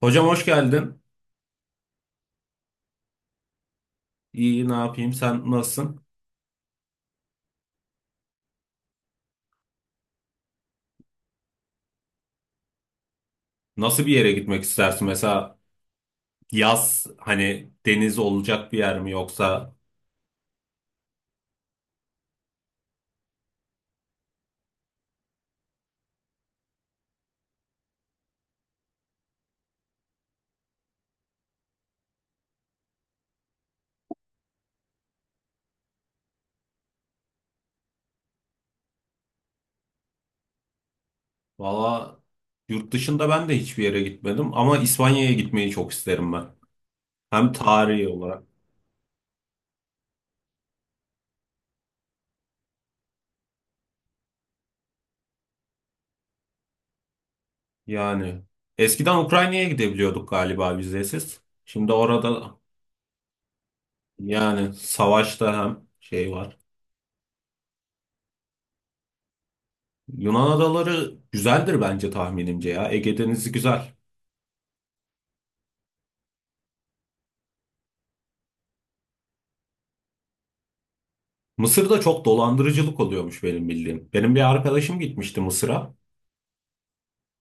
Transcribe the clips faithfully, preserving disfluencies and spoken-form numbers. Hocam hoş geldin. İyi ne yapayım? Sen nasılsın? Nasıl bir yere gitmek istersin? Mesela yaz hani deniz olacak bir yer mi yoksa valla yurt dışında ben de hiçbir yere gitmedim ama İspanya'ya gitmeyi çok isterim ben. Hem tarihi olarak yani eskiden Ukrayna'ya gidebiliyorduk galiba vizesiz. Şimdi orada yani savaşta hem şey var. Yunan adaları güzeldir bence tahminimce ya. Ege Denizi güzel. Mısır'da çok dolandırıcılık oluyormuş benim bildiğim. Benim bir arkadaşım gitmişti Mısır'a.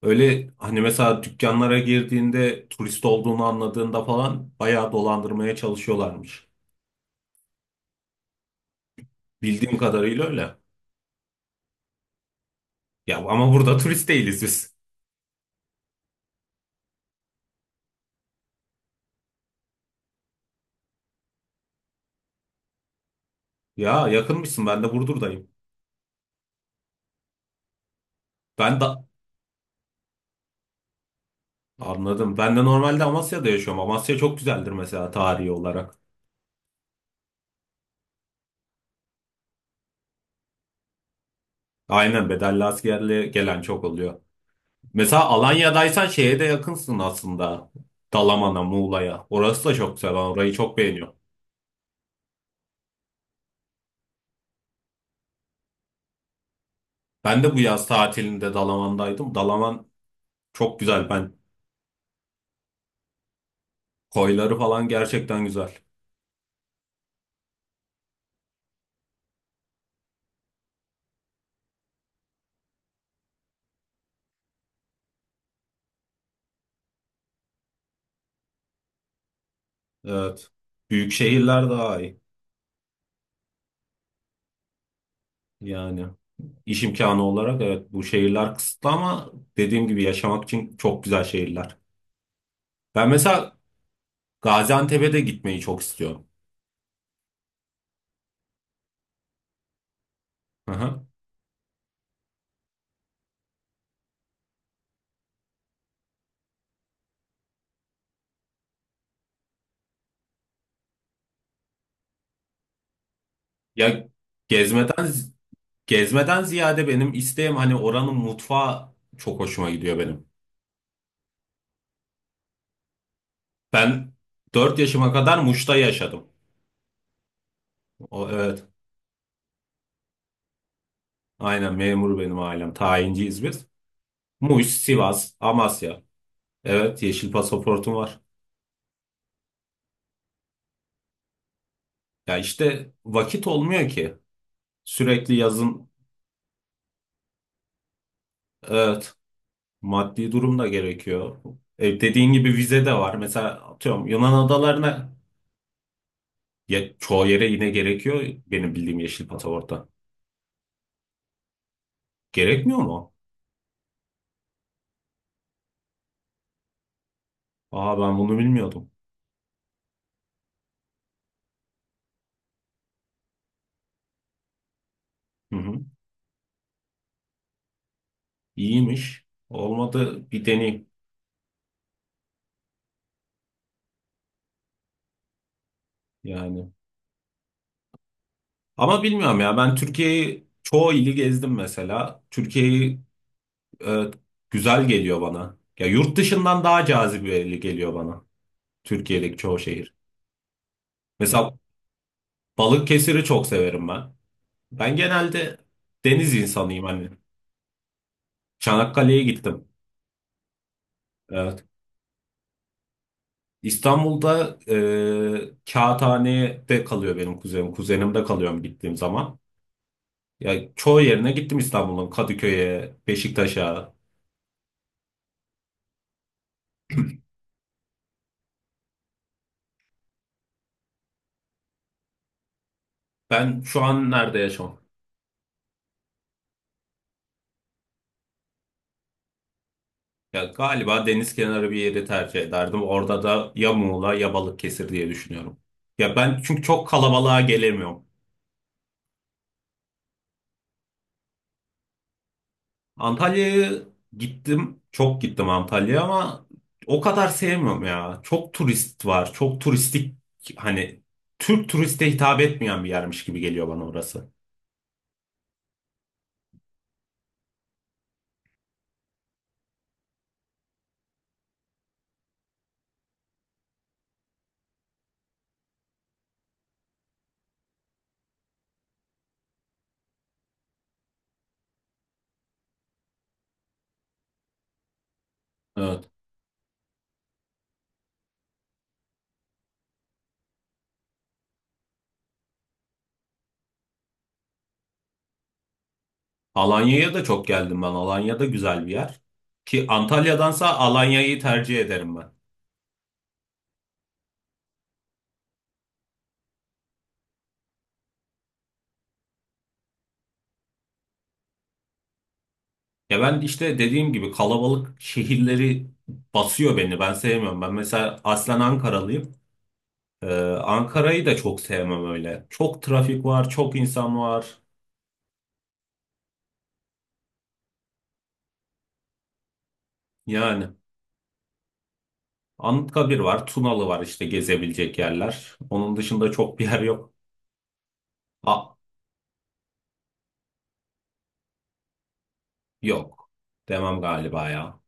Öyle hani mesela dükkanlara girdiğinde turist olduğunu anladığında falan bayağı dolandırmaya çalışıyorlarmış. Bildiğim kadarıyla öyle. Ya ama burada turist değiliz biz. Ya yakınmışsın, ben de Burdur'dayım. Ben de anladım. Ben de normalde Amasya'da yaşıyorum. Amasya çok güzeldir mesela tarihi olarak. Aynen, bedelli askerle gelen çok oluyor. Mesela Alanya'daysan şeye de yakınsın aslında. Dalaman'a, Muğla'ya. Orası da çok güzel. Ben orayı çok beğeniyorum. Ben de bu yaz tatilinde Dalaman'daydım. Dalaman çok güzel. Ben koyları falan gerçekten güzel. Evet. Büyük şehirler daha iyi. Yani iş imkanı olarak evet bu şehirler kısıtlı ama dediğim gibi yaşamak için çok güzel şehirler. Ben mesela Gaziantep'e de gitmeyi çok istiyorum. Hı hı. Ya gezmeden Gezmeden ziyade benim isteğim hani oranın mutfağı çok hoşuma gidiyor benim. Ben dört yaşıma kadar Muş'ta yaşadım. O, evet. Aynen memur benim ailem. Tayinciyiz biz. Muş, Sivas, Amasya. Evet, yeşil pasaportum var. Ya işte vakit olmuyor ki. Sürekli yazın evet maddi durum da gerekiyor. E, dediğin gibi vize de var. Mesela atıyorum Yunan adalarına ya, çoğu yere yine gerekiyor benim bildiğim yeşil pasaportta. Gerekmiyor mu? Aa, ben bunu bilmiyordum. Hı hı. İyiymiş. Olmadı bir deneyim yani. Ama bilmiyorum ya, ben Türkiye'yi çoğu ili gezdim mesela. Türkiye'yi e, güzel geliyor bana. Ya yurt dışından daha cazibeli geliyor bana. Türkiye'deki çoğu şehir. Mesela Balıkesir'i çok severim ben. Ben genelde deniz insanıyım hani. Çanakkale'ye gittim. Evet. İstanbul'da e, Kağıthane'de kalıyor benim kuzenim. Kuzenimde kalıyorum gittiğim zaman. Ya çoğu yerine gittim İstanbul'un. Kadıköy'e, Beşiktaş'a. Ben şu an nerede yaşıyorum? Ya galiba deniz kenarı bir yeri tercih ederdim. Orada da ya Muğla ya Balıkesir diye düşünüyorum. Ya ben çünkü çok kalabalığa gelemiyorum. Antalya'ya gittim. Çok gittim Antalya'ya ama o kadar sevmiyorum ya. Çok turist var. Çok turistik, hani Türk turiste hitap etmeyen bir yermiş gibi geliyor bana orası. Evet. Alanya'ya da çok geldim ben. Alanya'da güzel bir yer. Ki Antalya'dansa Alanya'yı tercih ederim ben. Ya ben işte dediğim gibi kalabalık şehirleri basıyor beni. Ben sevmiyorum. Ben mesela aslen Ankaralıyım. Ee, Ankara'yı da çok sevmem öyle. Çok trafik var, çok insan var. Yani Anıtkabir var, Tunalı var işte gezebilecek yerler. Onun dışında çok bir yer yok. A yok, demem galiba ya.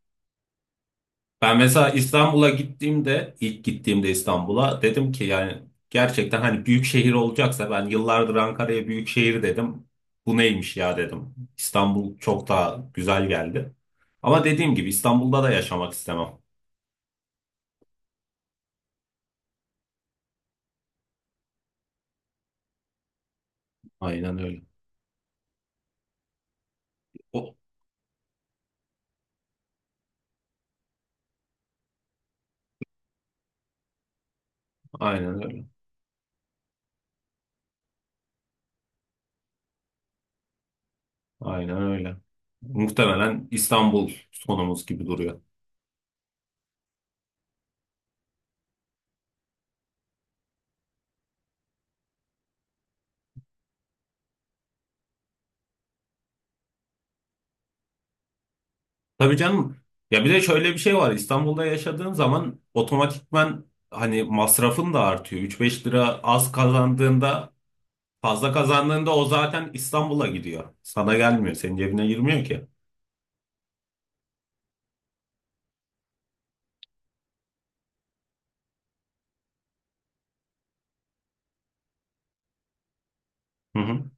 Ben mesela İstanbul'a gittiğimde, ilk gittiğimde İstanbul'a dedim ki yani gerçekten hani büyük şehir olacaksa, ben yıllardır Ankara'ya büyük şehir dedim. Bu neymiş ya dedim. İstanbul çok daha güzel geldi. Ama dediğim gibi İstanbul'da da yaşamak istemem. Aynen öyle. O, aynen öyle. Aynen öyle. Muhtemelen İstanbul sonumuz gibi duruyor. Tabii canım. Ya bir de şöyle bir şey var. İstanbul'da yaşadığın zaman otomatikman hani masrafın da artıyor. Üç beş lira az kazandığında, fazla kazandığında o zaten İstanbul'a gidiyor. Sana gelmiyor. Senin cebine girmiyor ki. Hı hı.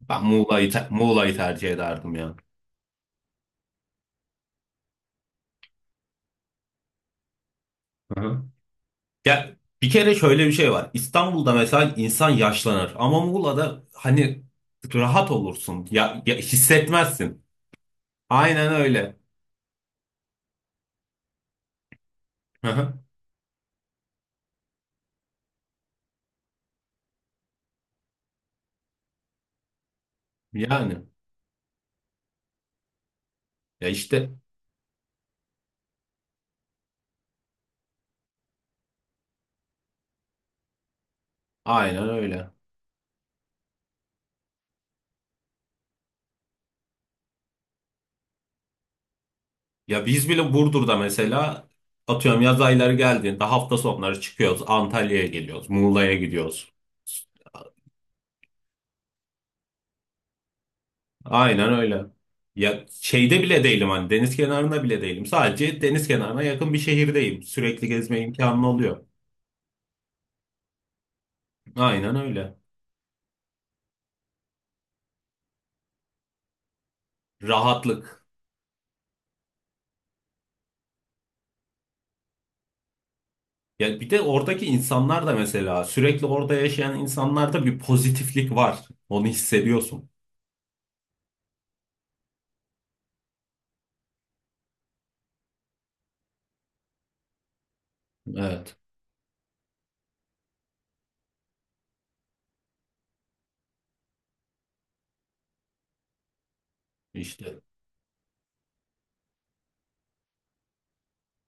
Ben Muğla'yı te- Muğla'yı tercih ederdim ya. Hı hı. Ya bir kere şöyle bir şey var. İstanbul'da mesela insan yaşlanır ama Muğla'da hani rahat olursun. Ya, ya hissetmezsin. Aynen öyle. Hı hı. Yani ya işte aynen öyle. Ya biz bile Burdur'da mesela atıyorum yaz ayları geldiğinde hafta sonları çıkıyoruz. Antalya'ya geliyoruz. Muğla'ya gidiyoruz. Aynen öyle. Ya şeyde bile değilim, hani deniz kenarında bile değilim. Sadece deniz kenarına yakın bir şehirdeyim. Sürekli gezme imkanı oluyor. Aynen öyle. Rahatlık. Ya bir de oradaki insanlar da mesela, sürekli orada yaşayan insanlarda bir pozitiflik var. Onu hissediyorsun. Evet. İşte.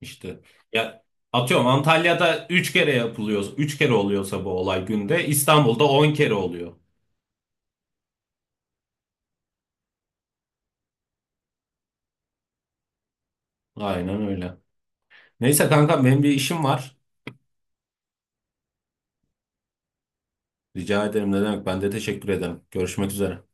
İşte ya atıyorum Antalya'da üç kere yapılıyor. Üç kere oluyorsa bu olay, günde İstanbul'da on kere oluyor. Aynen öyle. Neyse kanka benim bir işim var. Rica ederim, ne demek. Ben de teşekkür ederim. Görüşmek üzere.